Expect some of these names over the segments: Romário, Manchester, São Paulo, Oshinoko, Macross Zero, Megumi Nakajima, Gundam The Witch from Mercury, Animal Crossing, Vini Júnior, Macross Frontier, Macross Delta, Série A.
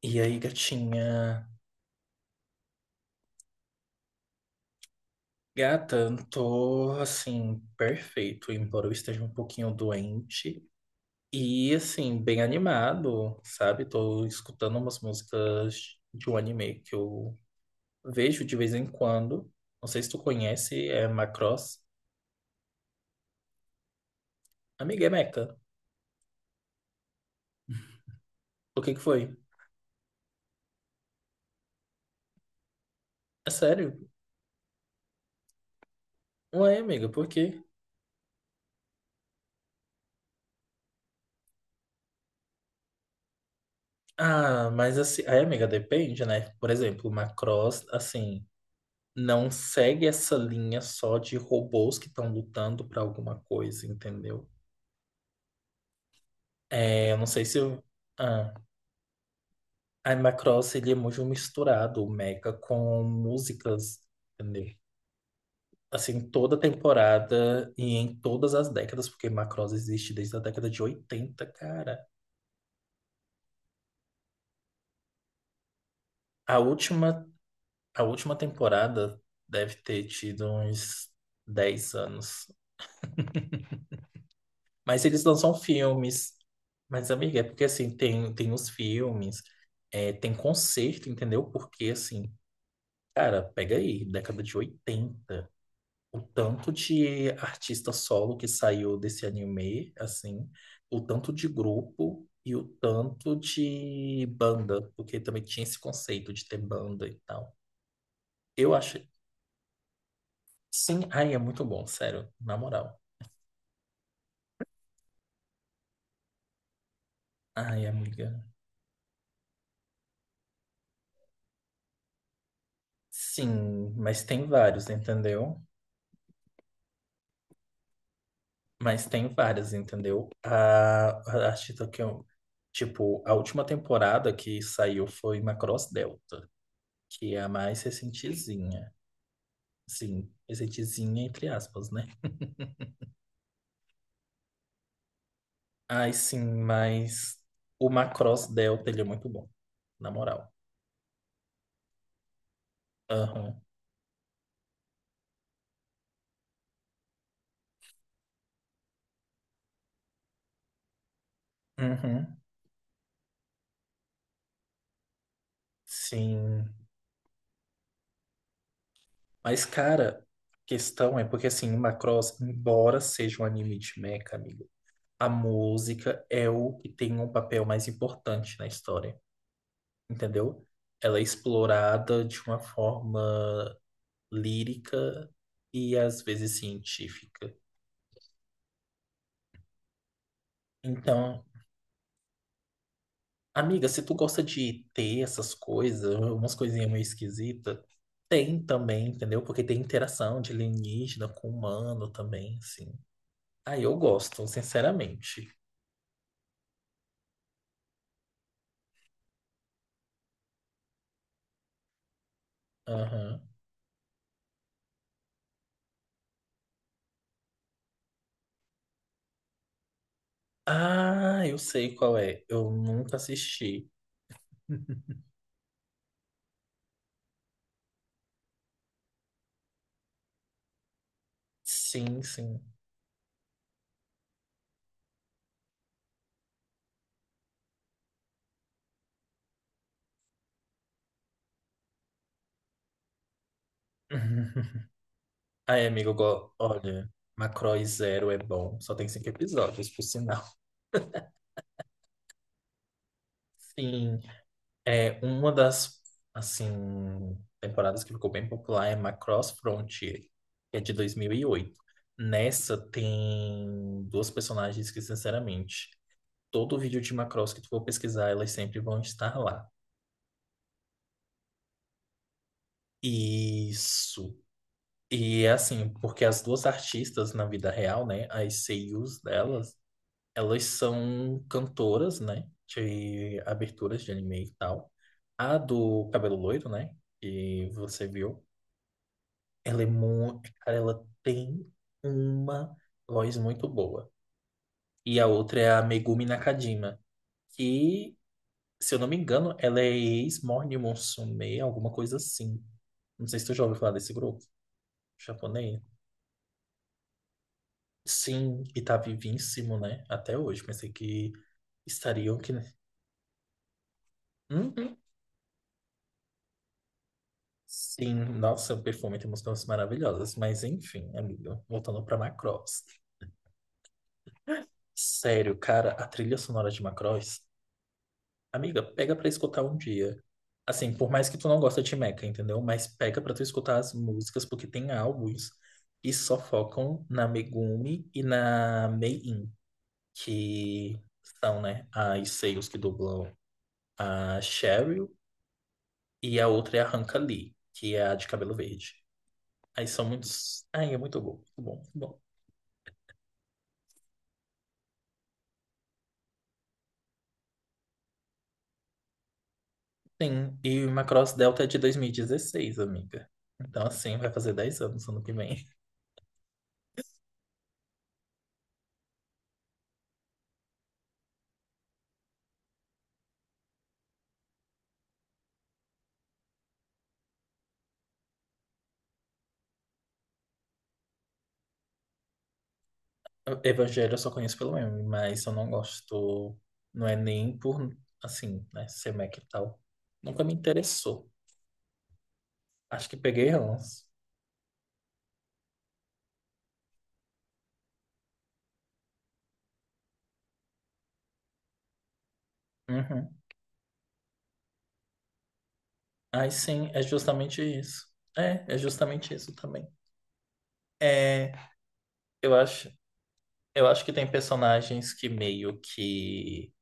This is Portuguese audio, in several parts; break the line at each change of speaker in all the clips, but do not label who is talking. E aí, gatinha? Gata, tô assim, perfeito, embora eu esteja um pouquinho doente. E assim, bem animado, sabe? Tô escutando umas músicas de um anime que eu vejo de vez em quando. Não sei se tu conhece, é Macross. Amiga, é Mecha. O que que foi? É sério? Ué, amiga, por quê? Ah, mas assim, aí, amiga, depende, né? Por exemplo, Macross, assim, não segue essa linha só de robôs que estão lutando para alguma coisa, entendeu? É, eu não sei se o- ah, Animal Crossing ele é muito misturado, o Mecha, com músicas, entendeu? Em toda temporada e em todas as décadas, porque Macross existe desde a década de oitenta, cara. A última, a última temporada deve ter tido uns 10 anos. Mas eles lançam filmes. Mas, amiga, é porque assim, tem os filmes, é, tem concerto, entendeu? Porque assim, cara, pega aí, década de oitenta, o tanto de artista solo que saiu desse anime, assim, o tanto de grupo e o tanto de banda, porque também tinha esse conceito de ter banda e tal. Eu acho, sim, ai, é muito bom, sério, na moral. Ai, é muito. Sim, mas tem vários, entendeu? Mas tem várias, entendeu? A artista que eu. Tipo, a última temporada que saiu foi Macross Delta, que é a mais recentezinha. Sim, recentezinha, entre aspas, né? Ai, sim, mas o Macross Delta, ele é muito bom, na moral. Aham. Uhum, sim. Mas, cara, a questão é porque, assim, o Macross, embora seja um anime de mecha, amigo, a música é o que tem um papel mais importante na história, entendeu? Ela é explorada de uma forma lírica e às vezes científica. Então, amiga, se tu gosta de ter essas coisas, umas coisinhas meio esquisitas, tem também, entendeu? Porque tem interação de alienígena com humano também, assim. Ah, eu gosto, sinceramente. Aham. Ah, eu sei qual é. Eu nunca assisti. Sim, sim. Ai, amigo, Macross Zero é bom. Só tem cinco episódios, por sinal. Sim, é uma das, assim, temporadas que ficou bem popular é Macross Frontier, que é de 2008. Nessa tem duas personagens que, sinceramente, todo vídeo de Macross que tu for pesquisar, elas sempre vão estar lá. Isso. E é assim, porque as duas artistas na vida real, né, as seiyus delas, elas são cantoras, né? De aberturas de anime e tal. A do cabelo loiro, né? Que você viu. Ela é muito. Cara, ela tem uma voz muito boa. E a outra é a Megumi Nakajima. Que, se eu não me engano, ela é ex-Morning Musume, alguma coisa assim. Não sei se tu já ouviu falar desse grupo japonês. Sim, e tá vivíssimo, né? Até hoje. Pensei que estariam. Uhum. Sim, nossa, o perfume tem músicas maravilhosas, mas enfim, amiga, voltando pra Macross. Sério, cara, a trilha sonora de Macross, amiga, pega pra escutar um dia. Assim, por mais que tu não gosta de Mecha, entendeu? Mas pega pra tu escutar as músicas, porque tem álbuns que só focam na Megumi e na Mei-In, que são, né, as seios que dublam a Cheryl, e a outra é a Hanka Lee, que é a de cabelo verde. Aí são muitos. Ai, é muito bom, muito bom, muito bom. Sim, e o Macross Delta é de 2016, amiga. Então, assim, vai fazer 10 anos ano que vem. Evangelho eu só conheço pelo meme, mas eu não gosto. Não é nem por, assim, né, ser Mac e tal. Nunca me interessou. Acho que peguei uns. Uhum. Aí sim, é justamente isso. É, é justamente isso também. É, eu acho, eu acho que tem personagens que meio que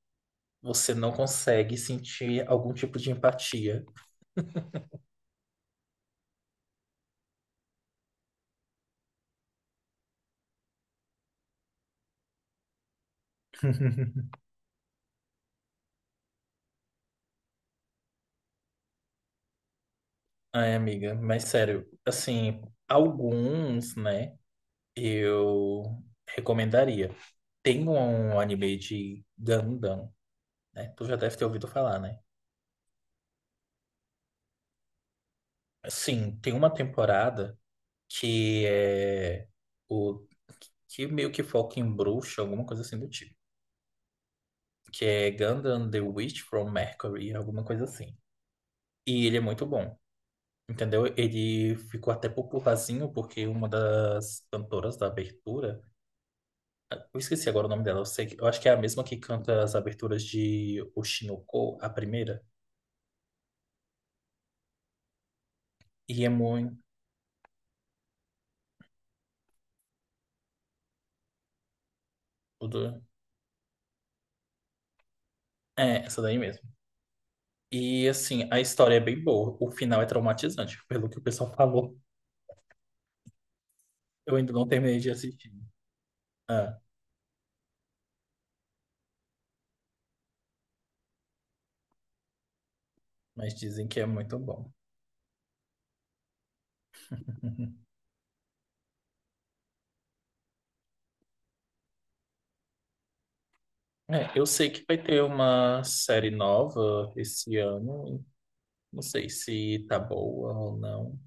você não consegue sentir algum tipo de empatia. Ai, amiga, mas sério, assim, alguns, né, eu recomendaria. Tem um anime de Gundam, né? Tu já deve ter ouvido falar, né? Sim, tem uma temporada que é o que meio que foca em bruxa, alguma coisa assim do tipo, que é Gundam The Witch from Mercury, alguma coisa assim. E ele é muito bom, entendeu? Ele ficou até popularzinho porque uma das cantoras da abertura, eu esqueci agora o nome dela. Eu sei que, eu acho que é a mesma que canta as aberturas de Oshinoko, a primeira. E é muito. É, essa daí mesmo. E assim, a história é bem boa. O final é traumatizante, pelo que o pessoal falou. Eu ainda não terminei. Ah, mas dizem que é muito bom. É, eu sei que vai ter uma série nova esse ano. Não sei se tá boa ou não.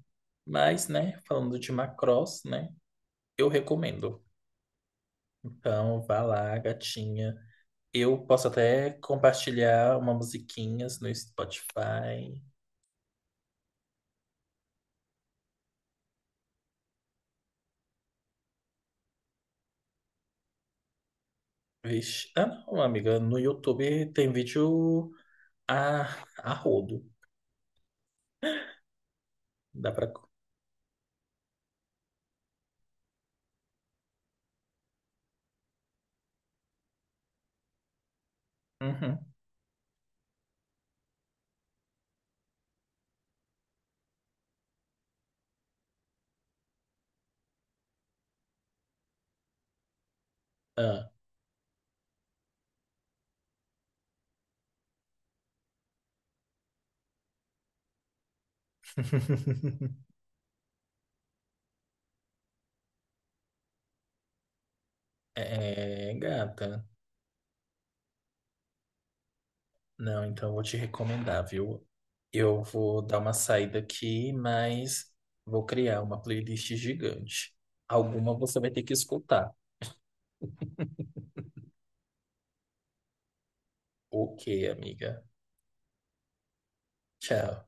Mas, né, falando de Macross, né, eu recomendo. Então, vá lá, gatinha. Eu posso até compartilhar uma musiquinhas no Spotify. Vixe. Ah, não, amiga. No YouTube tem vídeo a, a rodo. Dá pra. Uhum. Ah. É, não, então eu vou te recomendar, viu? Eu vou dar uma saída aqui, mas vou criar uma playlist gigante. Alguma você vai ter que escutar. Ok, amiga. Tchau.